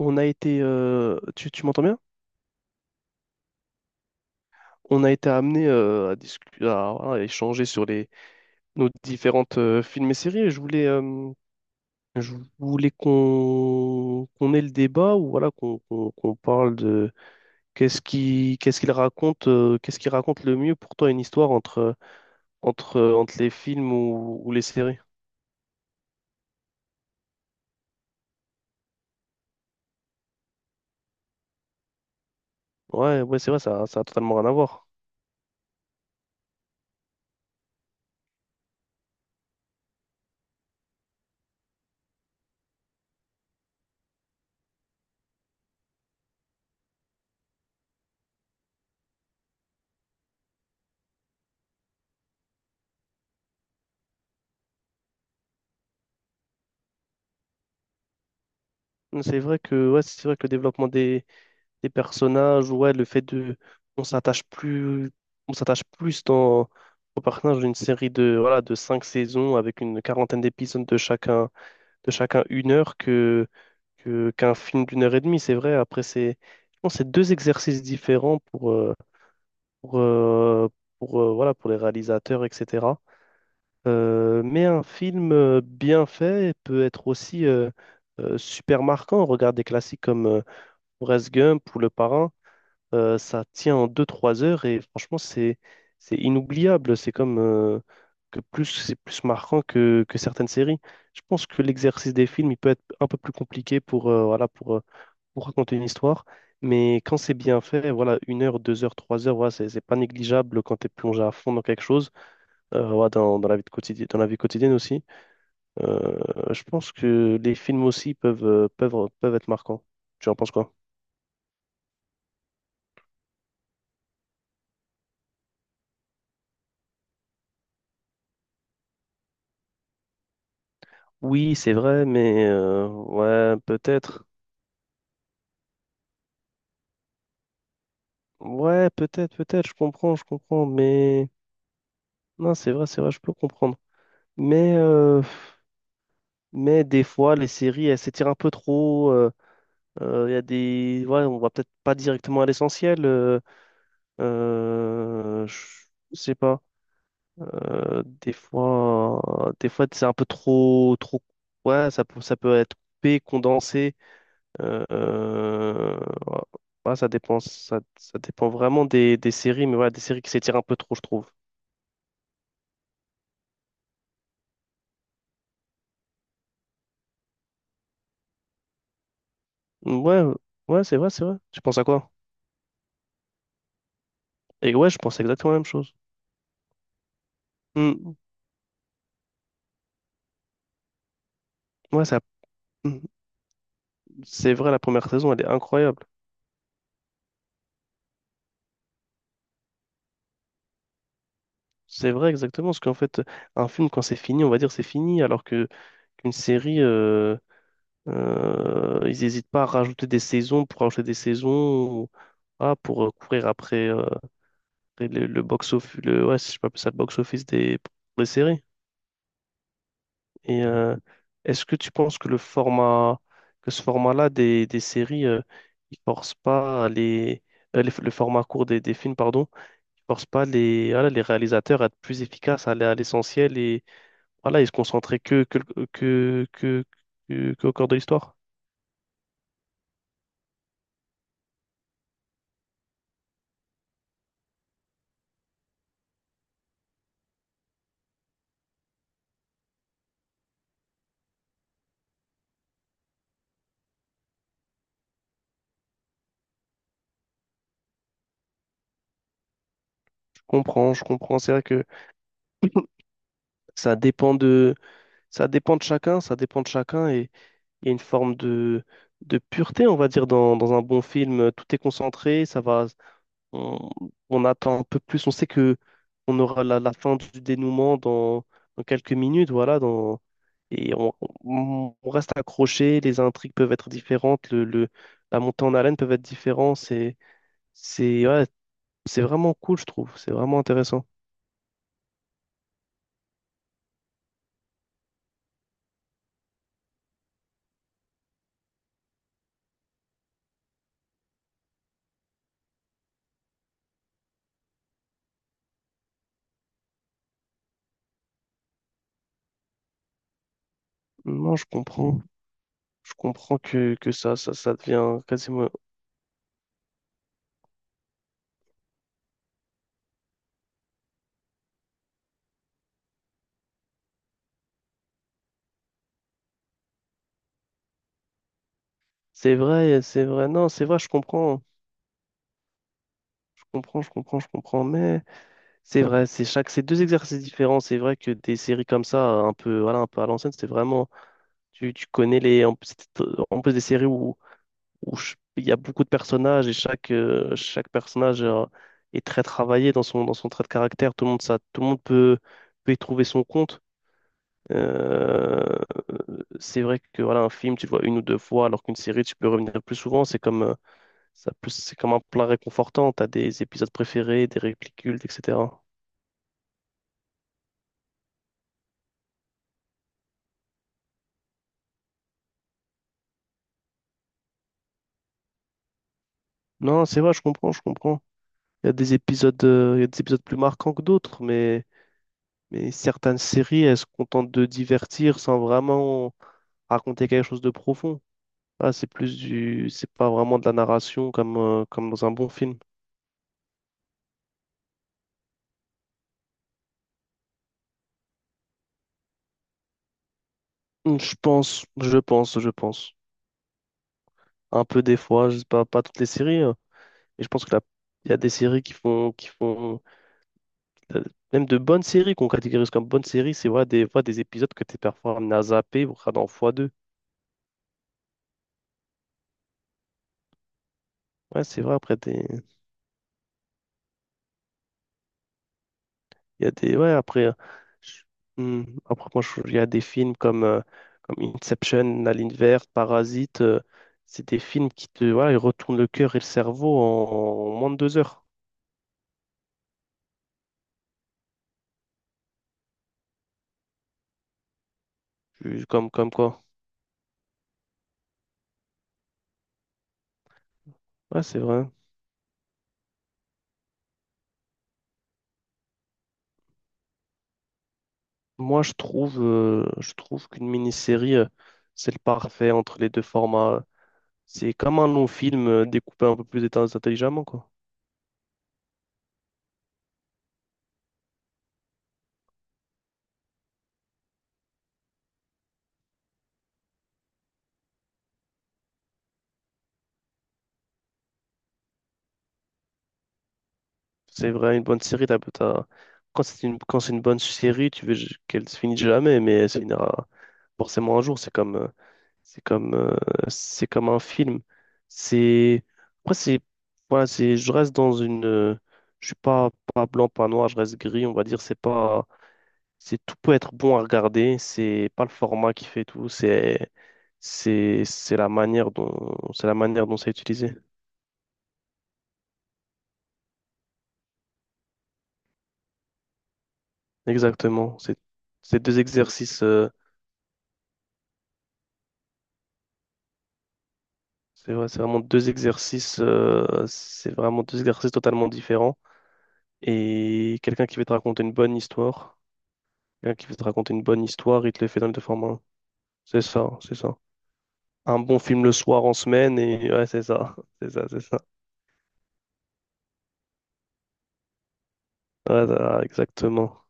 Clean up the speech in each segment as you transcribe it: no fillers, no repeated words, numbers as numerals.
On a été, tu m'entends bien? On a été amené à discuter, à, voilà, à échanger sur les nos différentes films et séries. Et je voulais, je voulais qu'on ait le débat ou voilà qu'on parle de qu'est-ce qui qu'est-ce qu'il raconte, qu'est-ce qui raconte le mieux pour toi une histoire entre entre les films ou les séries. Ouais, ouais, c'est vrai, ça a totalement rien à voir. C'est vrai que ouais, c'est vrai que le développement des personnages, ouais, le fait de, on s'attache plus, on s'attache plus dans, au personnage d'une série de, voilà, de 5 saisons avec une quarantaine d'épisodes de chacun 1 heure que, qu'un film d'1 heure et demie, c'est vrai. Après, c'est, je pense, que c'est deux exercices différents pour, euh, pour, voilà, pour les réalisateurs, etc. Mais un film bien fait peut être aussi super marquant. Regarde des classiques comme Forrest Gump ou Le Parrain. Ça tient en 2-3 heures et franchement, c'est inoubliable. C'est comme que plus c'est plus marquant que certaines séries. Je pense que l'exercice des films, il peut être un peu plus compliqué pour, voilà, pour raconter une histoire. Mais quand c'est bien fait, voilà, 1 heure, 2 heures, 3 heures, voilà, c'est pas négligeable quand tu es plongé à fond dans quelque chose, voilà, dans, dans la vie de quotidienne, dans la vie quotidienne aussi. Euh, je pense que les films aussi peuvent, peuvent, peuvent être marquants. Tu en penses quoi? Oui, c'est vrai, mais ouais, peut-être. Ouais, peut-être, peut-être, je comprends, mais non, c'est vrai, je peux comprendre. Mais, euh, mais des fois, les séries, elles s'étirent un peu trop. Il y a des, ouais, on va peut-être pas directement à l'essentiel. Euh, je je sais pas. Des fois, des fois, c'est un peu trop, trop. Ouais, ça peut être coupé, condensé. euh, euh, ouais, ça dépend, ça dépend vraiment des séries, mais ouais, des séries qui s'étirent un peu trop, je trouve. Ouais, ouais, c'est vrai, c'est vrai. Tu penses à quoi? Et ouais, je pense exactement la même chose. Mm, ouais, ça, mm, c'est vrai, la première saison, elle est incroyable. C'est vrai, exactement, parce qu'en fait, un film, quand c'est fini, on va dire c'est fini, alors que qu'une série, ils n'hésitent pas à rajouter des saisons pour rajouter des saisons, ah, pour courir après, après le, box-office, le, ouais, si je peux appeler ça le box-office des séries. Et est-ce que tu penses que le format, que ce format-là des séries, il force pas les, le format court des films, pardon, il force pas les, voilà, les réalisateurs à être plus efficaces, à aller à l'essentiel et voilà, ils se concentrer que, qu'au cœur de l'histoire? Je comprends, je comprends. C'est vrai que ça dépend de, ça dépend de chacun, ça dépend de chacun et il y a une forme de pureté, on va dire, dans, dans un bon film. Tout est concentré, ça va. on, on attend un peu plus. On sait que on aura la, la fin du dénouement dans, dans quelques minutes, voilà, dans, et on, on reste accroché. Les intrigues peuvent être différentes, le, la montée en haleine peut être différente. C'est, ouais, c'est vraiment cool, je trouve. C'est vraiment intéressant. Non, je comprends. Je comprends que ça devient quasiment. C'est vrai, c'est vrai. Non, c'est vrai, je comprends. Je comprends, je comprends, je comprends. Mais. C'est vrai, c'est chaque, c'est deux exercices différents. C'est vrai que des séries comme ça, un peu, voilà, un peu à l'ancienne, c'était vraiment, tu connais les, en, c'était, en plus des séries où, il y a beaucoup de personnages et chaque, chaque personnage est très travaillé dans son trait de caractère. Tout le monde, ça, tout le monde peut, peut y trouver son compte. Euh, c'est vrai que voilà, un film, tu le vois une ou deux fois, alors qu'une série, tu peux revenir plus souvent. C'est comme, ça, plus, c'est comme un plat réconfortant. T'as des épisodes préférés, des répliques cultes, etc. Non, c'est vrai, je comprends, je comprends. Il y a des épisodes, il y a des épisodes plus marquants que d'autres, mais certaines séries, elles se contentent de divertir sans vraiment raconter quelque chose de profond. Là, c'est plus du, c'est pas vraiment de la narration comme, comme dans un bon film. Mm, je pense, je pense, je pense. Un peu des fois, je sais pas, pas toutes les séries, hein, mais je pense que il y a des séries qui font, euh, même de bonnes séries qu'on catégorise comme bonnes séries, c'est vrai, des fois des épisodes que t'es parfois amené à zapper, voire dans x2. Ouais, c'est vrai, après, il y a des, ouais, après, je- hmm, après moi, il y a des films comme, comme Inception, La Ligne verte, Parasite. C'est des films qui te, voilà, ils retournent le cœur et le cerveau en, en moins de 2 heures. Comme, comme quoi. Ouais, c'est vrai. Moi, je trouve qu'une mini-série, c'est le parfait entre les deux formats. C'est comme un long film découpé un peu plus intelligemment, quoi. C'est vrai, une bonne série, quand c'est une, quand c'est une bonne série, tu veux qu'elle se finisse jamais, mais c'est une forcément un jour. C'est comme, c'est comme, c'est comme un film. C'est, après, c'est, voilà, c'est, je reste dans une, je suis pas, pas blanc, pas noir, je reste gris, on va dire. C'est pas, c'est tout peut être bon à regarder. C'est pas le format qui fait tout. C'est la manière dont, c'est la manière dont c'est utilisé. Exactement. C'est deux exercices. C'est vrai, c'est vraiment deux exercices, c'est vraiment deux exercices totalement différents. Et quelqu'un qui veut te raconter une bonne histoire, quelqu'un qui veut te raconter une bonne histoire, il te les fait dans le format 1. C'est ça, c'est ça. Un bon film le soir en semaine et ouais, c'est ça. C'est ça, c'est ça. Ouais, ça, exactement.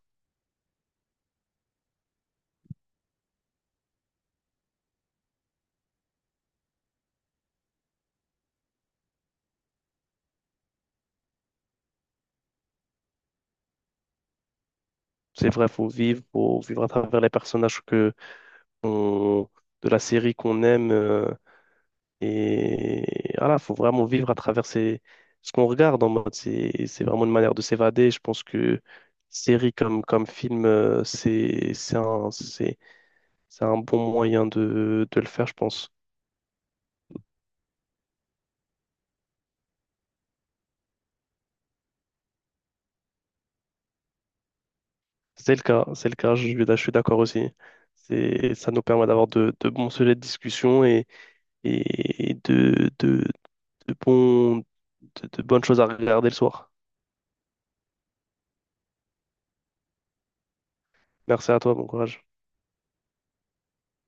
C'est vrai, faut vivre à travers les personnages que on- de la série qu'on aime. Et voilà, faut vraiment vivre à travers ce qu'on regarde en mode. C'est vraiment une manière de s'évader. Je pense que série comme, comme film, c'est un, c'est un bon moyen de le faire, je pense. C'est le cas, je, je suis d'accord aussi. C'est, ça nous permet d'avoir de bons sujets de discussion et de, bons, de bonnes choses à regarder le soir. Merci à toi, bon courage.